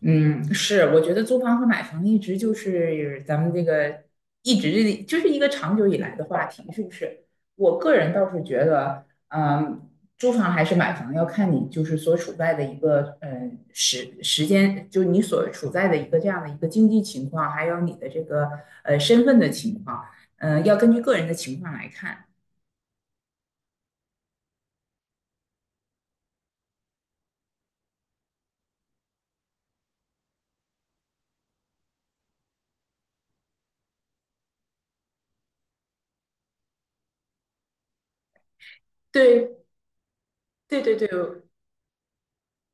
嗯，是，我觉得租房和买房一直就是一个长久以来的话题，是不是？我个人倒是觉得，租房还是买房要看你就是所处在的一个时间，就你所处在的一个这样的一个经济情况，还有你的这个身份的情况，要根据个人的情况来看。对，对对对。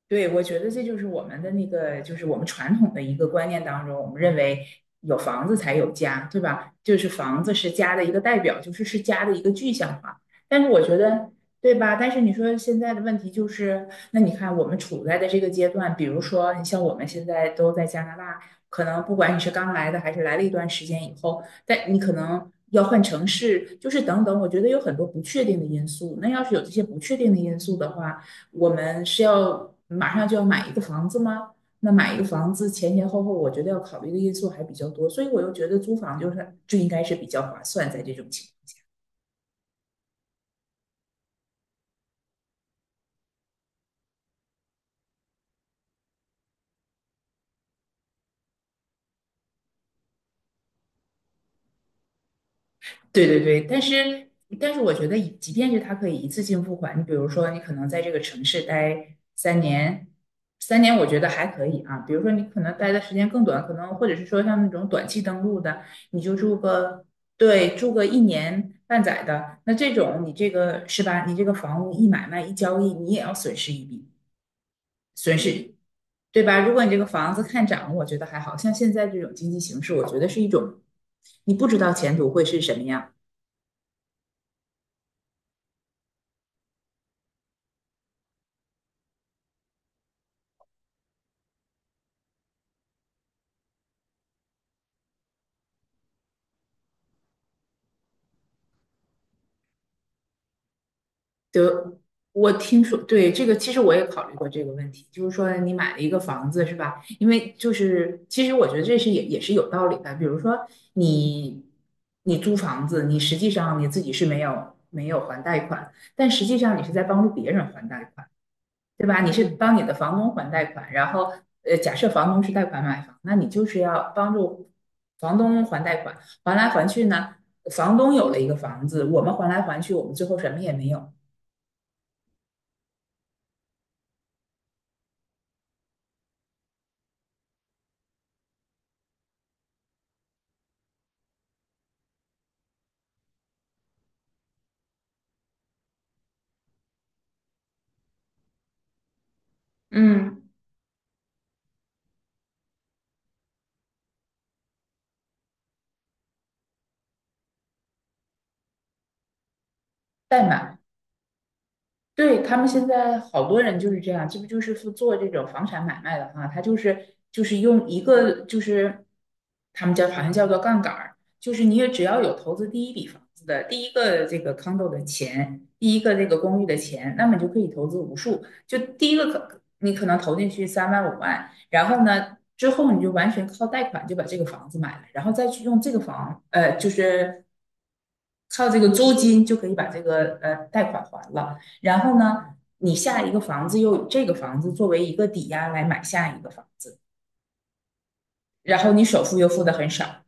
对，我觉得这就是我们的那个，就是我们传统的一个观念当中，我们认为有房子才有家，对吧？就是房子是家的一个代表，就是家的一个具象化。但是我觉得，对吧？但是你说现在的问题就是，那你看我们处在的这个阶段，比如说你像我们现在都在加拿大，可能不管你是刚来的还是来了一段时间以后，但你可能要换城市，就是等等，我觉得有很多不确定的因素。那要是有这些不确定的因素的话，我们是要马上就要买一个房子吗？那买一个房子前前后后，我觉得要考虑的因素还比较多，所以我又觉得租房就应该是比较划算，在这种情况。对对对。但是我觉得即便是他可以一次性付款，你比如说你可能在这个城市待三年，三年我觉得还可以啊。比如说你可能待的时间更短，可能或者是说像那种短期登陆的，你就住个，对，住个一年半载的，那这种你这个是吧？你这个房屋一买卖一交易，你也要损失一笔，损失对吧？如果你这个房子看涨，我觉得还好像现在这种经济形势，我觉得是一种你不知道前途会是什么样。德，我听说，对，这个其实我也考虑过这个问题，就是说你买了一个房子是吧？因为就是其实我觉得这是也是有道理的，比如说你租房子，你实际上你自己是没有还贷款，但实际上你是在帮助别人还贷款，对吧？你是帮你的房东还贷款，然后假设房东是贷款买房，那你就是要帮助房东还贷款，还来还去呢，房东有了一个房子，我们还来还去，我们最后什么也没有。嗯。代买，对，他们现在好多人就是这样，这不就是做这种房产买卖的话，他用一个就是他们叫好像叫做杠杆儿，就是你也只要有投资第一笔房子的第一个这个 condo 的钱，第一个这个公寓的钱，那么你就可以投资无数，就第一个可你可能投进去3万5万，然后呢之后你就完全靠贷款就把这个房子买了，然后再去用这个房。靠这个租金就可以把这个贷款还了。然后呢，你下一个房子又以这个房子作为一个抵押来买下一个房子，然后你首付又付的很少。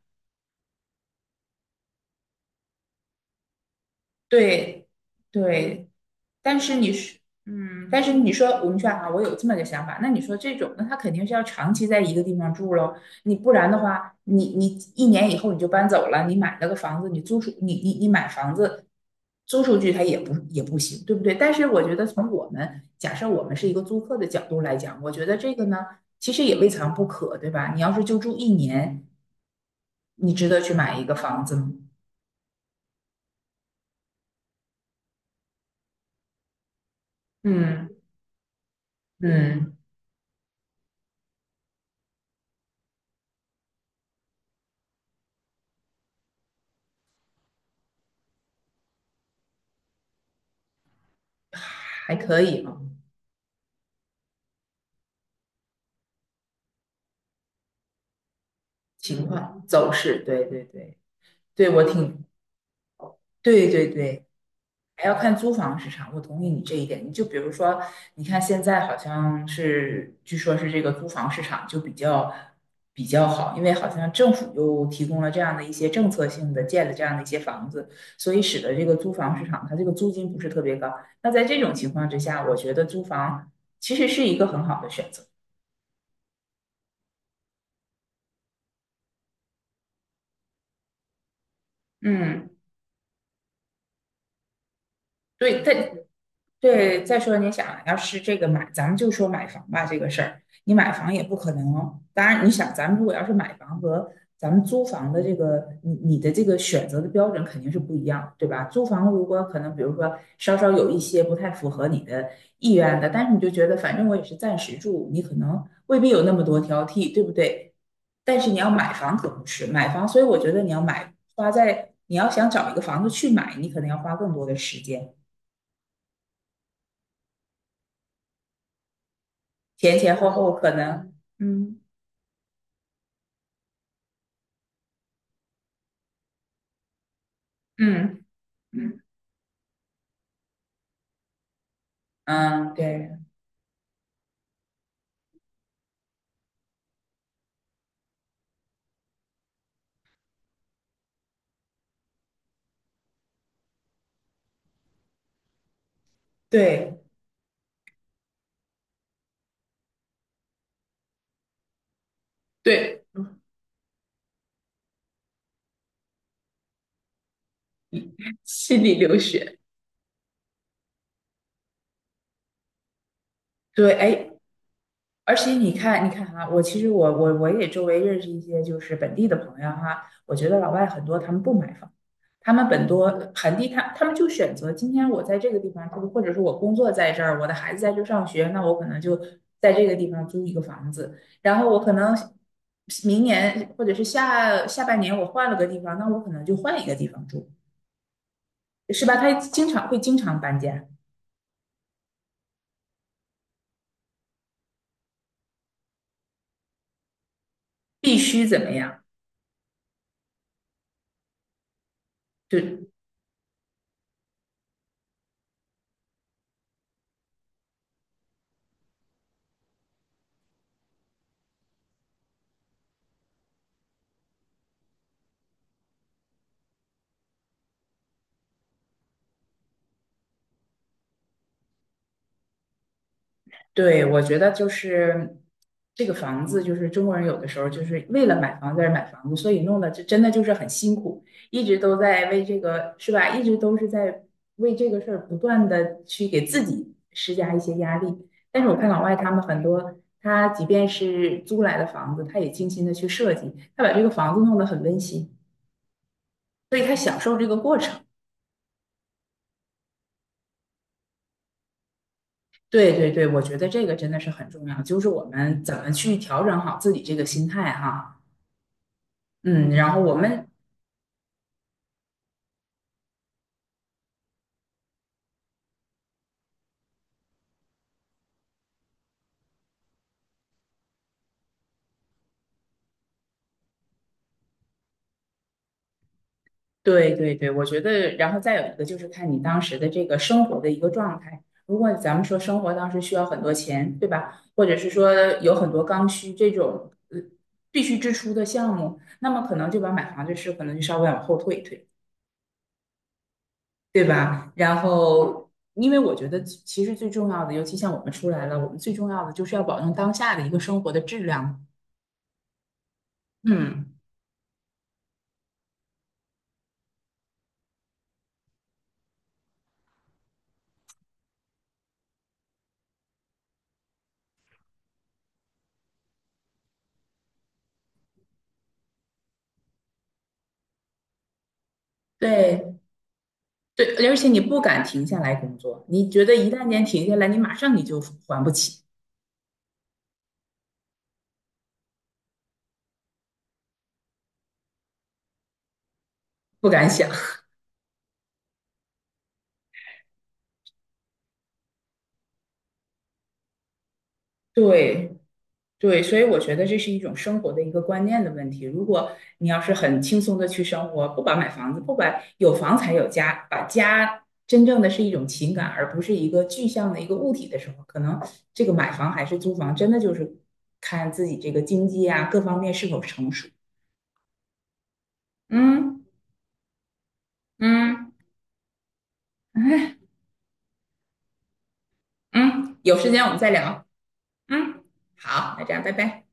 对对。但是你是，但是你说我们说啊，我有这么个想法，那你说这种，那他肯定是要长期在一个地方住喽。你不然的话，你一年以后你就搬走了，你买了个房子，你租出你你你买房子租出去，它也不行，对不对？但是我觉得从我们假设我们是一个租客的角度来讲，我觉得这个呢，其实也未尝不可，对吧？你要是就住一年，你值得去买一个房子吗？嗯嗯。还可以啊。情况走势，对对对。对，我挺，对对对。还要看租房市场。我同意你这一点。你就比如说，你看现在好像是，据说是这个租房市场就比较好，因为好像政府又提供了这样的一些政策性的建的这样的一些房子，所以使得这个租房市场它这个租金不是特别高。那在这种情况之下，我觉得租房其实是一个很好的选择。嗯，对，但对。再说你想，要是这个买，咱们就说买房吧这个事儿，你买房也不可能。当然，你想，咱们如果要是买房和咱们租房的这个，你的这个选择的标准肯定是不一样，对吧？租房如果可能，比如说稍稍有一些不太符合你的意愿的，但是你就觉得反正我也是暂时住，你可能未必有那么多挑剔，对不对？但是你要买房可不是买房，所以我觉得你要买花在你要想找一个房子去买，你可能要花更多的时间。前前后后可能，嗯嗯嗯，嗯，对对对，心里流血，对，哎，而且你看，你看哈，我其实我也周围认识一些就是本地的朋友哈，我觉得老外很多他们不买房，他们本地他们就选择今天我在这个地方住，或者是我工作在这儿，我的孩子在这儿上学，那我可能就在这个地方租一个房子，然后我可能明年或者是下下半年我换了个地方，那我可能就换一个地方住，是吧？他经常会经常搬家。必须怎么样？对。对，我觉得就是这个房子，就是中国人有的时候就是为了买房子而买房子，所以弄得这真的就是很辛苦，一直都在为这个，是吧？一直都是在为这个事儿不断的去给自己施加一些压力。但是我看老外他们很多，他即便是租来的房子，他也精心的去设计，他把这个房子弄得很温馨，所以他享受这个过程。对对对，我觉得这个真的是很重要，就是我们怎么去调整好自己这个心态哈。嗯，然后我们。对对对，我觉得，然后再有一个就是看你当时的这个生活的一个状态。如果咱们说生活当时需要很多钱，对吧？或者是说有很多刚需这种必须支出的项目，那么可能就把买房这事可能就稍微往后退一退，对吧？然后，因为我觉得其实最重要的，尤其像我们出来了，我们最重要的就是要保证当下的一个生活的质量。嗯，对对，而且你不敢停下来工作，你觉得一旦间停下来，你马上你就还不起。不敢想。对对，所以我觉得这是一种生活的一个观念的问题。如果你要是很轻松的去生活，不把买房子，不把有房才有家，把家真正的是一种情感，而不是一个具象的一个物体的时候，可能这个买房还是租房，真的就是看自己这个经济啊各方面是否成熟。嗯嗯，哎嗯，有时间我们再聊。嗯，好，那这样，拜拜。